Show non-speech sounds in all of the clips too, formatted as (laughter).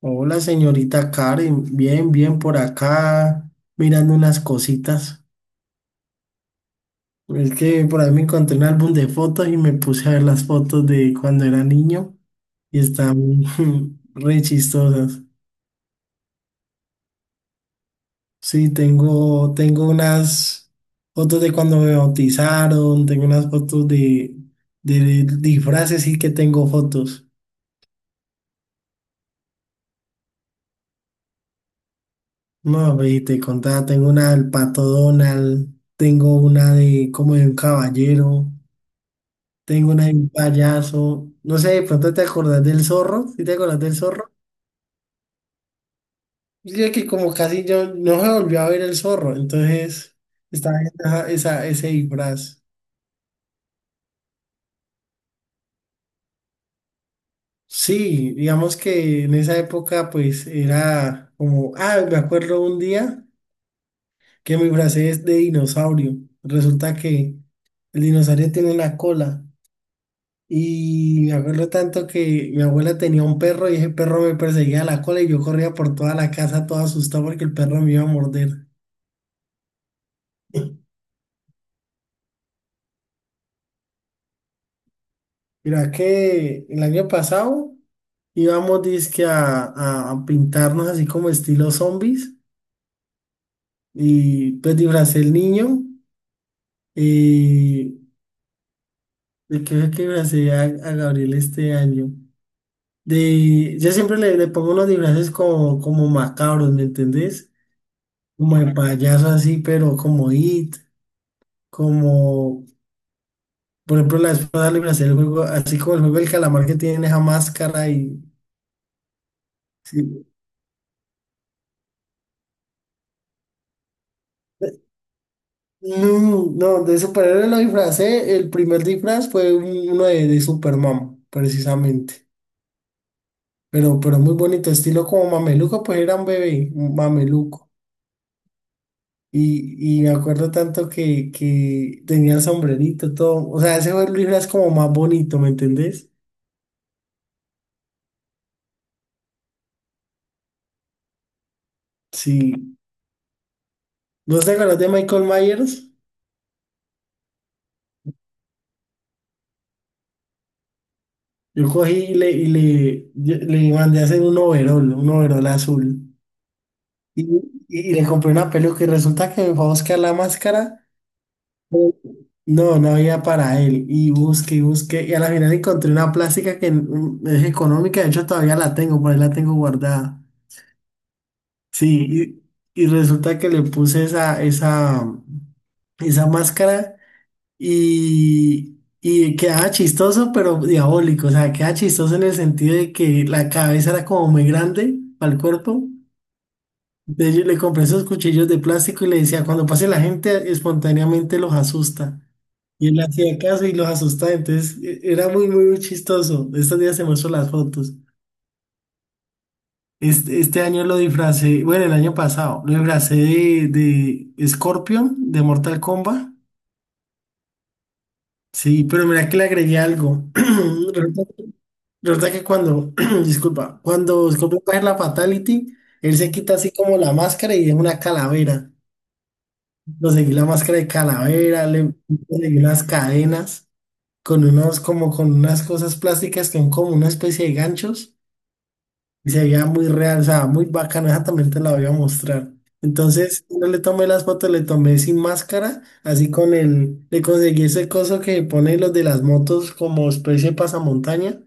Hola, señorita Karen, bien, bien por acá, mirando unas cositas. Es que por ahí me encontré un álbum de fotos y me puse a ver las fotos de cuando era niño y están (laughs) re chistosas. Sí, tengo unas fotos de cuando me bautizaron, tengo unas fotos de disfraces y que tengo fotos. No, ve, te contaba, tengo una del Pato Donald, tengo una de como de un caballero. Tengo una de un payaso. No sé, de pronto te acordás del zorro. ¿Sí te acordás del zorro? Yo que como casi yo no se volvió a ver el zorro. Entonces estaba ese disfraz. Sí, digamos que en esa época pues era como, me acuerdo un día que mi disfracé es de dinosaurio. Resulta que el dinosaurio tiene una cola. Y me acuerdo tanto que mi abuela tenía un perro y ese perro me perseguía a la cola y yo corría por toda la casa todo asustado porque el perro me iba a morder. Mira que el año pasado íbamos dizque a pintarnos así como estilo zombies y pues disfracé el niño y de qué fue que disfracé a Gabriel este año. De, yo siempre le pongo unos disfraces como, como macabros, ¿me entendés? Como de payaso así, pero como It, como por ejemplo la espada libre hacer el juego, así como el juego del calamar que tiene esa máscara y sí. No, no, de superhéroe lo disfracé, el primer disfraz fue uno de Superman, precisamente. Pero muy bonito, estilo como mameluco, pues era un bebé, un mameluco. Y me acuerdo tanto que tenía sombrerito, todo. O sea, ese fue el disfraz como más bonito, ¿me entendés? Sí. ¿Vos te acuerdas de Michael Myers? Yo cogí le mandé a hacer un overol azul. Y, y le compré una peluca y resulta que me fue a buscar la máscara. No, no había para él. Y busqué y busqué. Y a la final encontré una plástica que es económica. De hecho, todavía la tengo, por ahí la tengo guardada. Sí, y resulta que le puse esa máscara. Y, y quedaba chistoso, pero diabólico. O sea, quedaba chistoso en el sentido de que la cabeza era como muy grande para el cuerpo. Entonces yo le compré esos cuchillos de plástico y le decía, cuando pase la gente, espontáneamente los asusta. Y él hacía caso y los asustaba. Entonces era muy chistoso. Estos días se muestro las fotos. Este año lo disfracé, bueno, el año pasado, lo disfracé de Scorpion, de Mortal Kombat. Sí, pero mira que le agregué algo. (clears throat) Resulta que cuando, (clears throat) disculpa, cuando Scorpion coge la Fatality, él se quita así como la máscara y es una calavera. Conseguí la máscara de calavera, le conseguí unas cadenas con unos, como con unas cosas plásticas que son como una especie de ganchos y se veía muy real, o sea, muy bacano. Esa también te la voy a mostrar. Entonces, yo le tomé las fotos, le tomé sin máscara, así con el, le conseguí ese coso que pone los de las motos como especie de pasamontaña.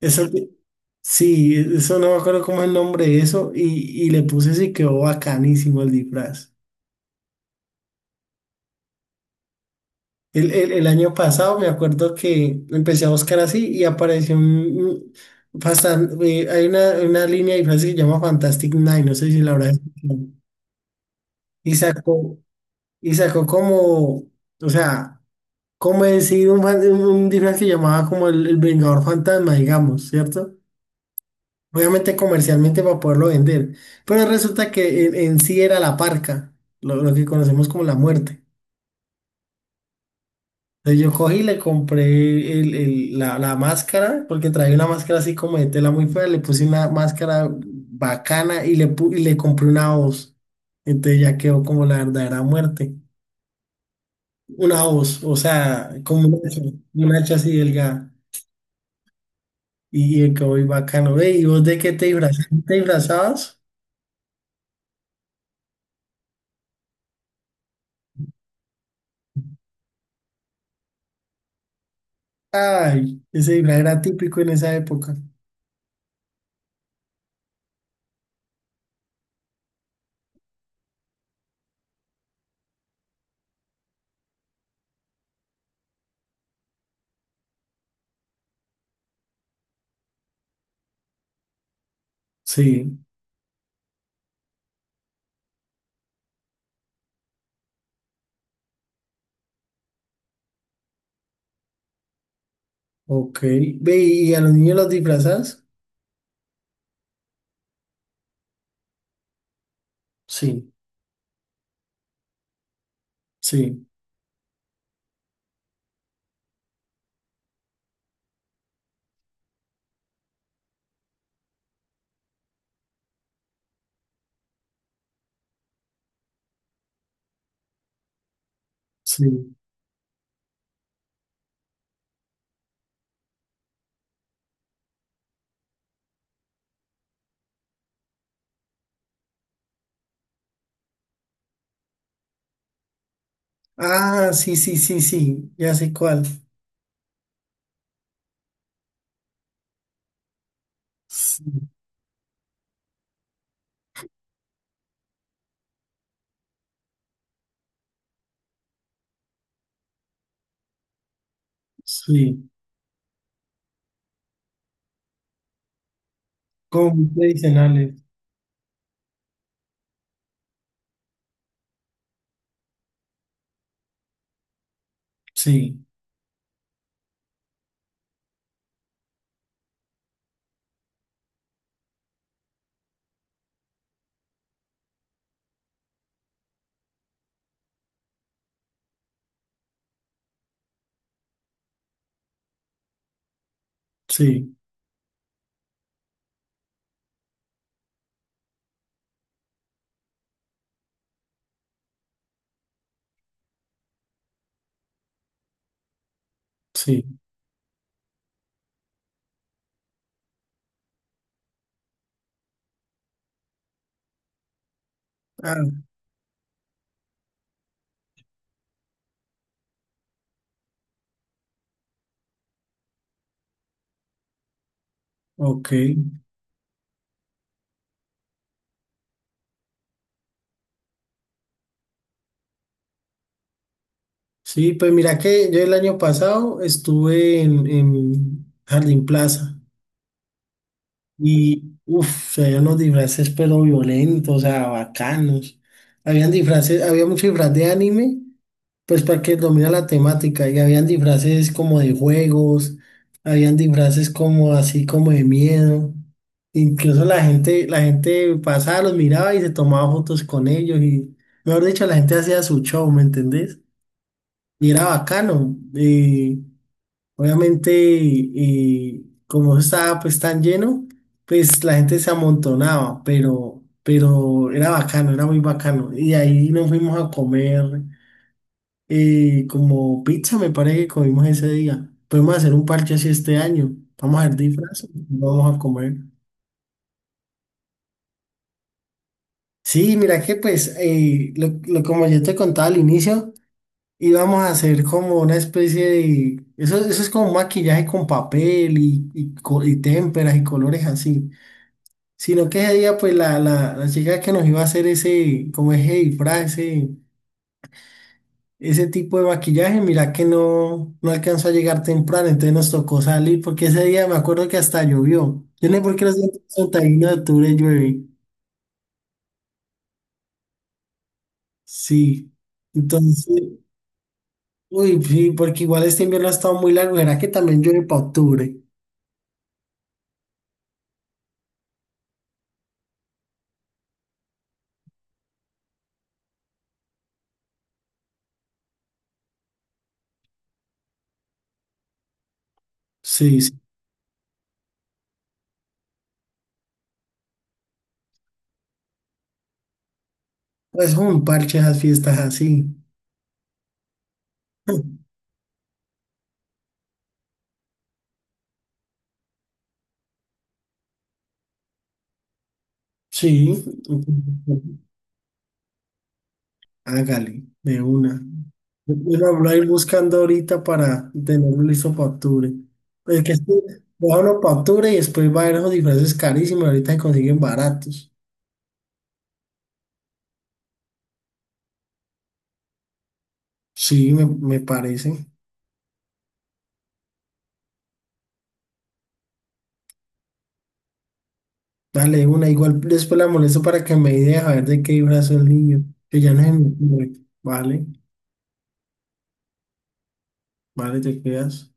Eso, sí, eso no me acuerdo cómo es el nombre de eso y le puse eso y quedó bacanísimo el disfraz. El año pasado me acuerdo que empecé a buscar así y apareció hay una línea de disfraces que se llama Fantastic Nine, no sé si la habrás escuchado. Y sacó, y sacó como, o sea, como decir un, fan- un disfraz que llamaba como el Vengador Fantasma, digamos, ¿cierto? Obviamente comercialmente para poderlo vender. Pero resulta que en sí era la parca, lo que conocemos como la muerte. Entonces yo cogí y le compré la máscara, porque traía una máscara así como de tela muy fea, le puse una máscara bacana y y le compré una voz. Entonces ya quedó como la verdadera muerte. Una voz, o sea, como un hacha así delgada. Y quedó muy bacano. Ve, ¿y vos de qué te disfrazabas? ¿Te disfrazabas? Ay, ese disfraz era típico en esa época. Sí, ok. Ve, ¿y a los niños los disfrazas? Sí, sí, sí. Ah, sí, sí, sí, sí, ya sé cuál. Sí, sí. Como muy tradicionales. Sí, sí, sí. Ah, ok. Sí, pues mira que yo el año pasado estuve en Jardín Plaza y, uff, había unos disfraces pero violentos, o sea, bacanos. Habían disfraces, había mucho disfraz de anime. Pues porque domina la temática y habían disfraces como de juegos, habían disfraces como así como de miedo. Incluso la gente pasaba, los miraba y se tomaba fotos con ellos y, mejor dicho, la gente hacía su show, ¿me entendés? Y era bacano. Y obviamente, y como eso estaba pues tan lleno, pues la gente se amontonaba, pero era bacano, era muy bacano. Y ahí nos fuimos a comer. Y como pizza me parece que comimos ese día. Podemos hacer un parche así este año. Vamos a ver disfraces, vamos a comer. Sí, mira que pues, como yo te contaba al inicio, íbamos a hacer como una especie de... Eso es como un maquillaje con papel y témperas y colores así. Sino que ese día pues la chica que nos iba a hacer ese, como ese disfraz, ese ese tipo de maquillaje, mira que no, no alcanzó a llegar temprano, entonces nos tocó salir, porque ese día me acuerdo que hasta llovió. Yo no sé por qué los días 31 de octubre llueve. Sí. Entonces, uy, sí, porque igual este invierno ha estado muy largo, ¿será que también llueve para octubre? Sí, sí. Pues un parche esas fiestas así. (clears throat) (laughs) Sí. Hágale, de una. Yo quiero hablar ir buscando ahorita para tenerlo listo para octubre. Es que esto, déjalo para octubre y después va a haber esos disfraces carísimos. Ahorita se consiguen baratos. Sí, me parece. Dale, de una. Igual después la molesto para que me idea a ver de qué disfraz es el niño. Que ya no es mi Vale, vale, te quedas.